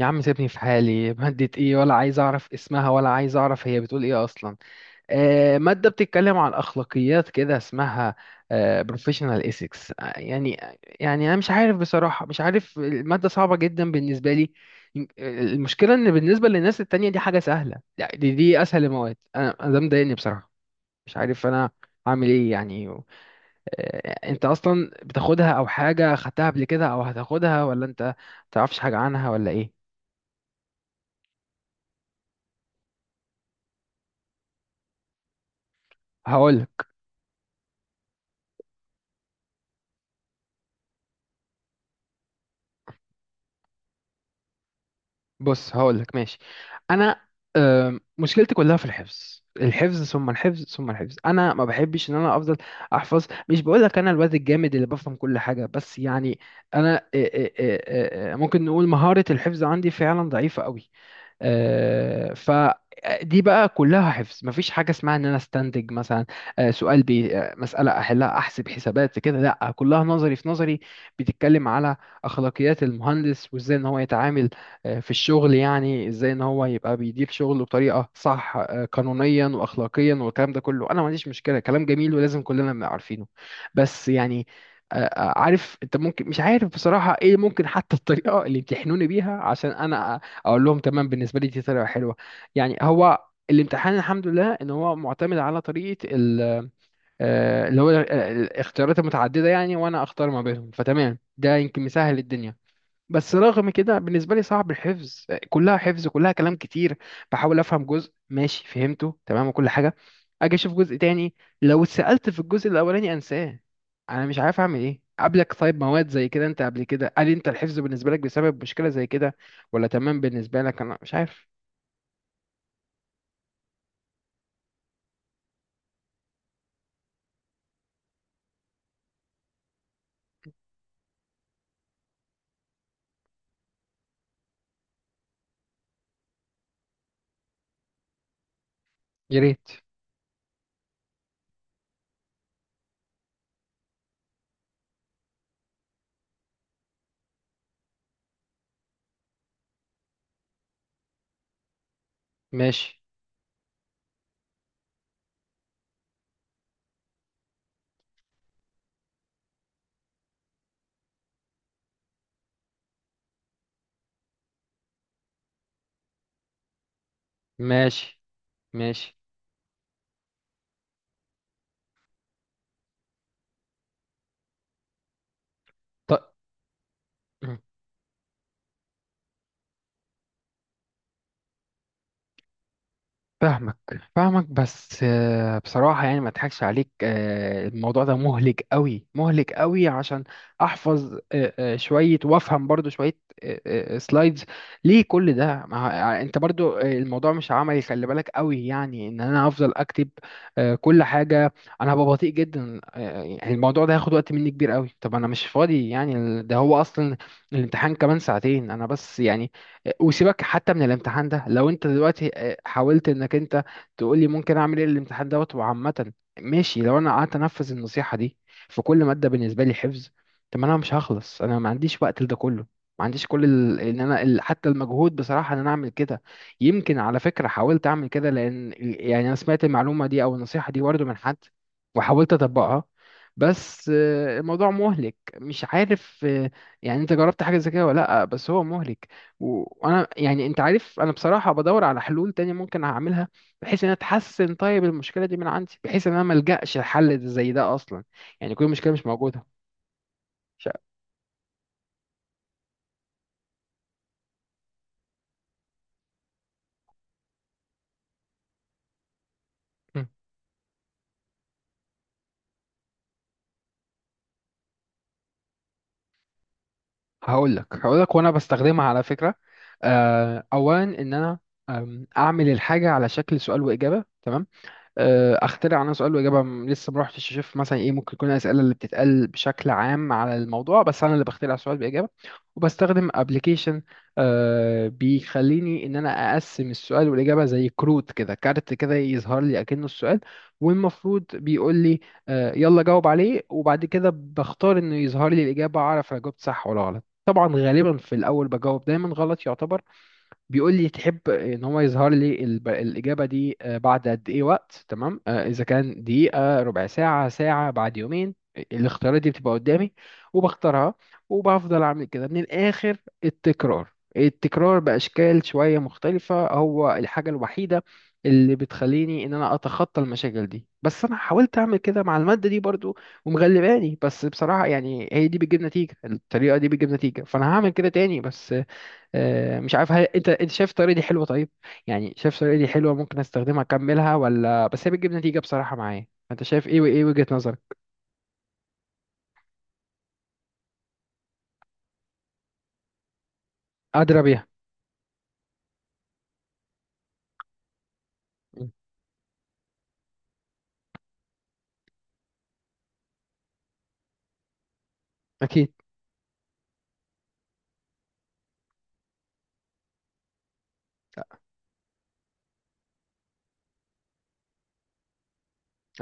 يا عم، سيبني في حالي. مادة ايه؟ ولا عايز اعرف اسمها، ولا عايز اعرف هي بتقول ايه اصلا. مادة بتتكلم عن اخلاقيات كده اسمها. Professional ethics، يعني انا مش عارف بصراحة، مش عارف. المادة صعبة جدا بالنسبة لي. المشكلة ان بالنسبة للناس التانية دي حاجة سهلة، يعني دي اسهل المواد. انا ده مضايقني بصراحة. مش عارف انا عامل ايه يعني. انت اصلا بتاخدها، او حاجة خدتها قبل كده، او هتاخدها، ولا انت متعرفش حاجة عنها ولا ايه؟ هقول بص، هقول لك. ماشي. انا، مشكلتي كلها في الحفظ، الحفظ ثم الحفظ ثم الحفظ. انا ما بحبش ان انا افضل احفظ. مش بقول لك انا الواد الجامد اللي بفهم كل حاجه، بس يعني انا ممكن نقول مهاره الحفظ عندي فعلا ضعيفه قوي. فدي بقى كلها حفظ، مفيش حاجة اسمها ان انا استنتج مثلا، سؤال بي آه، مسألة احلها، احسب حسابات كده. لا، كلها نظري في نظري. بتتكلم على اخلاقيات المهندس وازاي ان هو يتعامل في الشغل. يعني ازاي ان هو يبقى بيدير شغله بطريقة صح، قانونيا واخلاقيا، والكلام ده كله انا ما عنديش مشكلة، كلام جميل ولازم كلنا نبقى عارفينه. بس يعني عارف انت؟ ممكن مش عارف بصراحة ايه. ممكن حتى الطريقة اللي يمتحنوني بيها عشان انا اقول لهم تمام بالنسبه لي دي طريقه حلوه. يعني هو الامتحان، الحمد لله، ان هو معتمد على طريقه ال- آه، اللي هو ال- آه، الاختيارات المتعدده، يعني وانا اختار ما بينهم. فتمام، ده يمكن مسهل الدنيا. بس رغم كده بالنسبة لي صعب، الحفظ كلها حفظ، كلها كلام كتير. بحاول أفهم جزء، ماشي فهمته تمام وكل حاجة. أجي أشوف جزء تاني، لو اتسألت في الجزء الأولاني أنساه. أنا مش عارف أعمل إيه. قبلك طيب مواد زي كده، أنت قبل كده هل أنت الحفظ بالنسبة لك بسبب مشكلة زي كده، ولا تمام بالنسبة لك؟ أنا مش عارف. يا ريت. ماشي. ماشي. ماشي. طيب. فاهمك، فاهمك. بس بصراحة يعني ما اضحكش عليك، الموضوع ده مهلك قوي، مهلك قوي، عشان احفظ شوية وافهم برضو شوية سلايدز. ليه كل ده؟ انت برضو الموضوع مش عملي، خلي بالك قوي. يعني ان انا افضل اكتب كل حاجة، انا هبقى بطيء جدا. يعني الموضوع ده هياخد وقت مني كبير قوي. طب انا مش فاضي، يعني ده هو اصلا الامتحان كمان ساعتين، انا بس يعني. وسيبك حتى من الامتحان ده، لو انت دلوقتي حاولت انك انت تقول لي ممكن اعمل ايه. الامتحان دوت وعامه ماشي، لو انا قعدت انفذ النصيحه دي في كل ماده بالنسبه لي حفظ، طب ما انا مش هخلص. انا ما عنديش وقت لده كله، ما عنديش كل ال، ان انا ال، حتى المجهود بصراحه ان انا اعمل كده. يمكن على فكره حاولت اعمل كده، لان يعني انا سمعت المعلومه دي او النصيحه دي برضه من حد، وحاولت اطبقها. بس الموضوع مهلك، مش عارف. يعني انت جربت حاجه زي كده ولا لا؟ بس هو مهلك. وانا يعني انت عارف، انا بصراحه بدور على حلول تانية ممكن اعملها بحيث ان أنا اتحسن. طيب المشكله دي من عندي، بحيث ان انا ما الجاش لحل زي ده اصلا، يعني كل مشكله مش موجوده. مش هقول لك، وانا بستخدمها على فكره. اولا ان انا، اعمل الحاجه على شكل سؤال واجابه، تمام؟ اخترع انا سؤال واجابه. لسه ما رحتش اشوف مثلا ايه ممكن يكون الاسئله اللي بتتقال بشكل عام على الموضوع، بس انا اللي بخترع سؤال باجابه، وبستخدم ابلكيشن بيخليني ان انا اقسم السؤال والاجابه زي كروت كده، كارت كده يظهر لي اكنه السؤال، والمفروض بيقول لي يلا جاوب عليه. وبعد كده بختار انه يظهر لي الاجابه، اعرف انا جاوبت صح ولا غلط. طبعا غالبا في الاول بجاوب دايما غلط، يعتبر. بيقول لي تحب ان هو يظهر لي الاجابه دي بعد قد ايه وقت؟ تمام، اذا كان دقيقه، ربع ساعه، ساعه، بعد يومين، الاختيارات دي بتبقى قدامي وبختارها. وبفضل اعمل كده. من الاخر، التكرار، التكرار باشكال شويه مختلفه، هو الحاجه الوحيده اللي بتخليني ان انا اتخطى المشاكل دي. بس انا حاولت اعمل كده مع الماده دي برضو ومغلباني. بس بصراحه يعني هي دي بتجيب نتيجه، الطريقه دي بتجيب نتيجه، فانا هعمل كده تاني. بس مش عارف، هل انت شايف الطريقه دي حلوه؟ طيب يعني شايف الطريقه دي حلوه ممكن استخدمها اكملها، ولا بس هي بتجيب نتيجه بصراحه معايا؟ انت شايف ايه، وايه وجهه نظرك؟ ادرى بيها. مم. اكيد.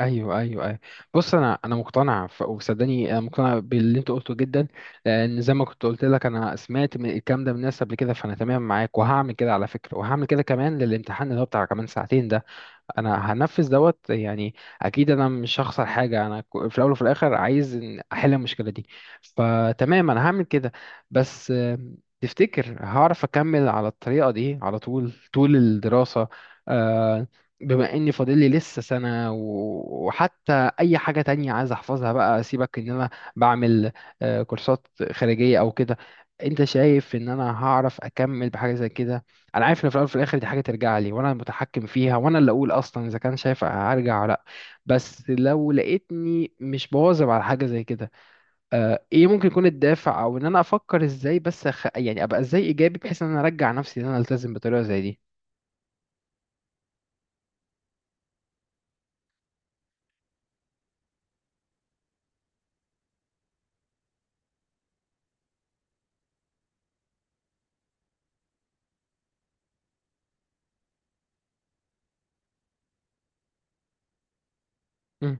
ايوه، ايوه، ايوه. بص، انا مقتنع. وصدقني انا مقتنع باللي انت قلته جدا، لان زي ما كنت قلت لك انا سمعت من الكلام ده من ناس قبل كده. فانا تمام معاك، وهعمل كده على فكره، وهعمل كده كمان للامتحان اللي هو بتاع كمان ساعتين ده. انا هنفذ دوت، يعني اكيد انا مش هخسر حاجه. انا في الاول وفي الاخر عايز إن احل المشكله دي، فتمام انا هعمل كده. بس تفتكر هعرف اكمل على الطريقه دي على طول طول الدراسه؟ آه، بما اني فاضل لي لسه سنه، وحتى اي حاجه تانية عايز احفظها بقى، سيبك ان انا بعمل كورسات خارجيه او كده، انت شايف ان انا هعرف اكمل بحاجه زي كده؟ انا عارف ان في الاول وفي الاخر دي حاجه ترجع لي، وانا المتحكم فيها، وانا اللي اقول اصلا اذا كان شايف هرجع ولا لا. بس لو لقيتني مش بواظب على حاجه زي كده، آه ايه ممكن يكون الدافع، او ان انا افكر ازاي، بس يعني ابقى ازاي ايجابي بحيث ان انا ارجع نفسي ان انا التزم بطريقه زي دي؟ مم.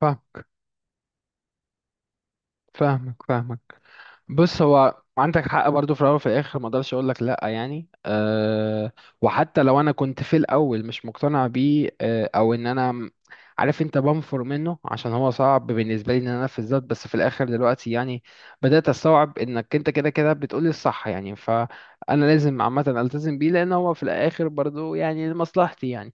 فاهمك، فاهمك، فاهمك. بص، هو عندك حق برضو. في الاول وفي الاخر ما اقدرش اقول لك لا، يعني أه. وحتى لو انا كنت في الاول مش مقتنع بيه، او ان انا عارف انت، بنفر منه عشان هو صعب بالنسبه لي ان انا انفذ ده. بس في الاخر دلوقتي يعني بدات استوعب انك انت كده كده بتقولي الصح، يعني فانا لازم عامه التزم بيه، لان هو في الاخر برضو يعني لمصلحتي يعني.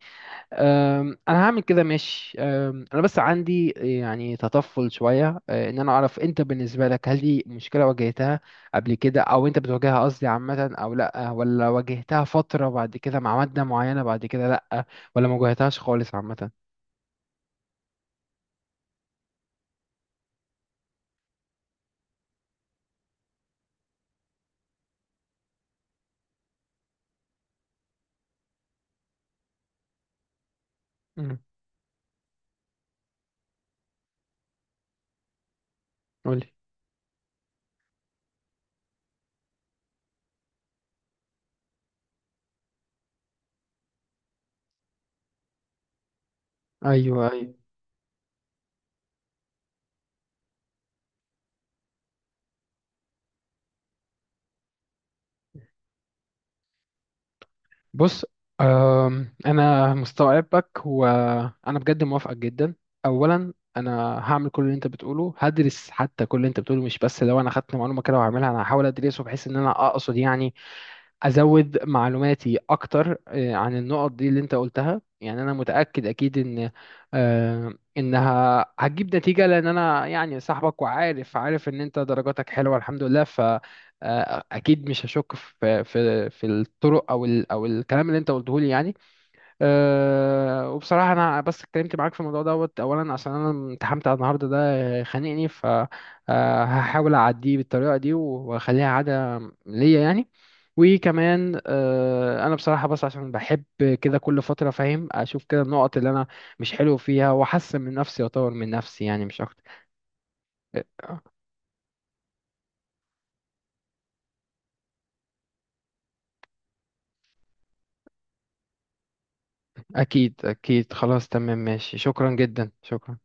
انا هعمل كده، ماشي. انا بس عندي يعني تطفل شويه. ان انا اعرف انت بالنسبه لك هل دي مشكله واجهتها قبل كده، او انت بتواجهها قصدي عامه؟ او لا، ولا واجهتها فتره بعد كده مع ماده معينه بعد كده لا؟ ولا ما واجهتهاش خالص عامه؟ مم. قولي. ايوه، ايوه. بص، انا مستوعبك وانا بجد موافقك جدا. اولا انا هعمل كل اللي انت بتقوله، هدرس حتى كل اللي انت بتقوله، مش بس لو انا خدت معلومه كده وهعملها. انا هحاول ادرسه بحيث ان انا اقصد يعني ازود معلوماتي اكتر عن النقط دي اللي انت قلتها. يعني انا متاكد اكيد ان انها هتجيب نتيجه، لان انا يعني صاحبك، وعارف ان انت درجاتك حلوه الحمد لله. ف اكيد مش هشك في الطرق، او الكلام اللي انت قلته لي، يعني أه. وبصراحة أنا بس اتكلمت معاك في الموضوع دوت أولا عشان أنا امتحنت على النهاردة ده، خانقني. فهحاول أعديه بالطريقة دي، وأخليها عادة ليا يعني. وكمان أنا بصراحة بس عشان بحب كده كل فترة، فاهم، أشوف كده النقط اللي أنا مش حلو فيها، وأحسن من نفسي، وأطور من نفسي، يعني مش أكتر. أه، أكيد، أكيد. خلاص تمام، ماشي، شكرا جدا، شكرا.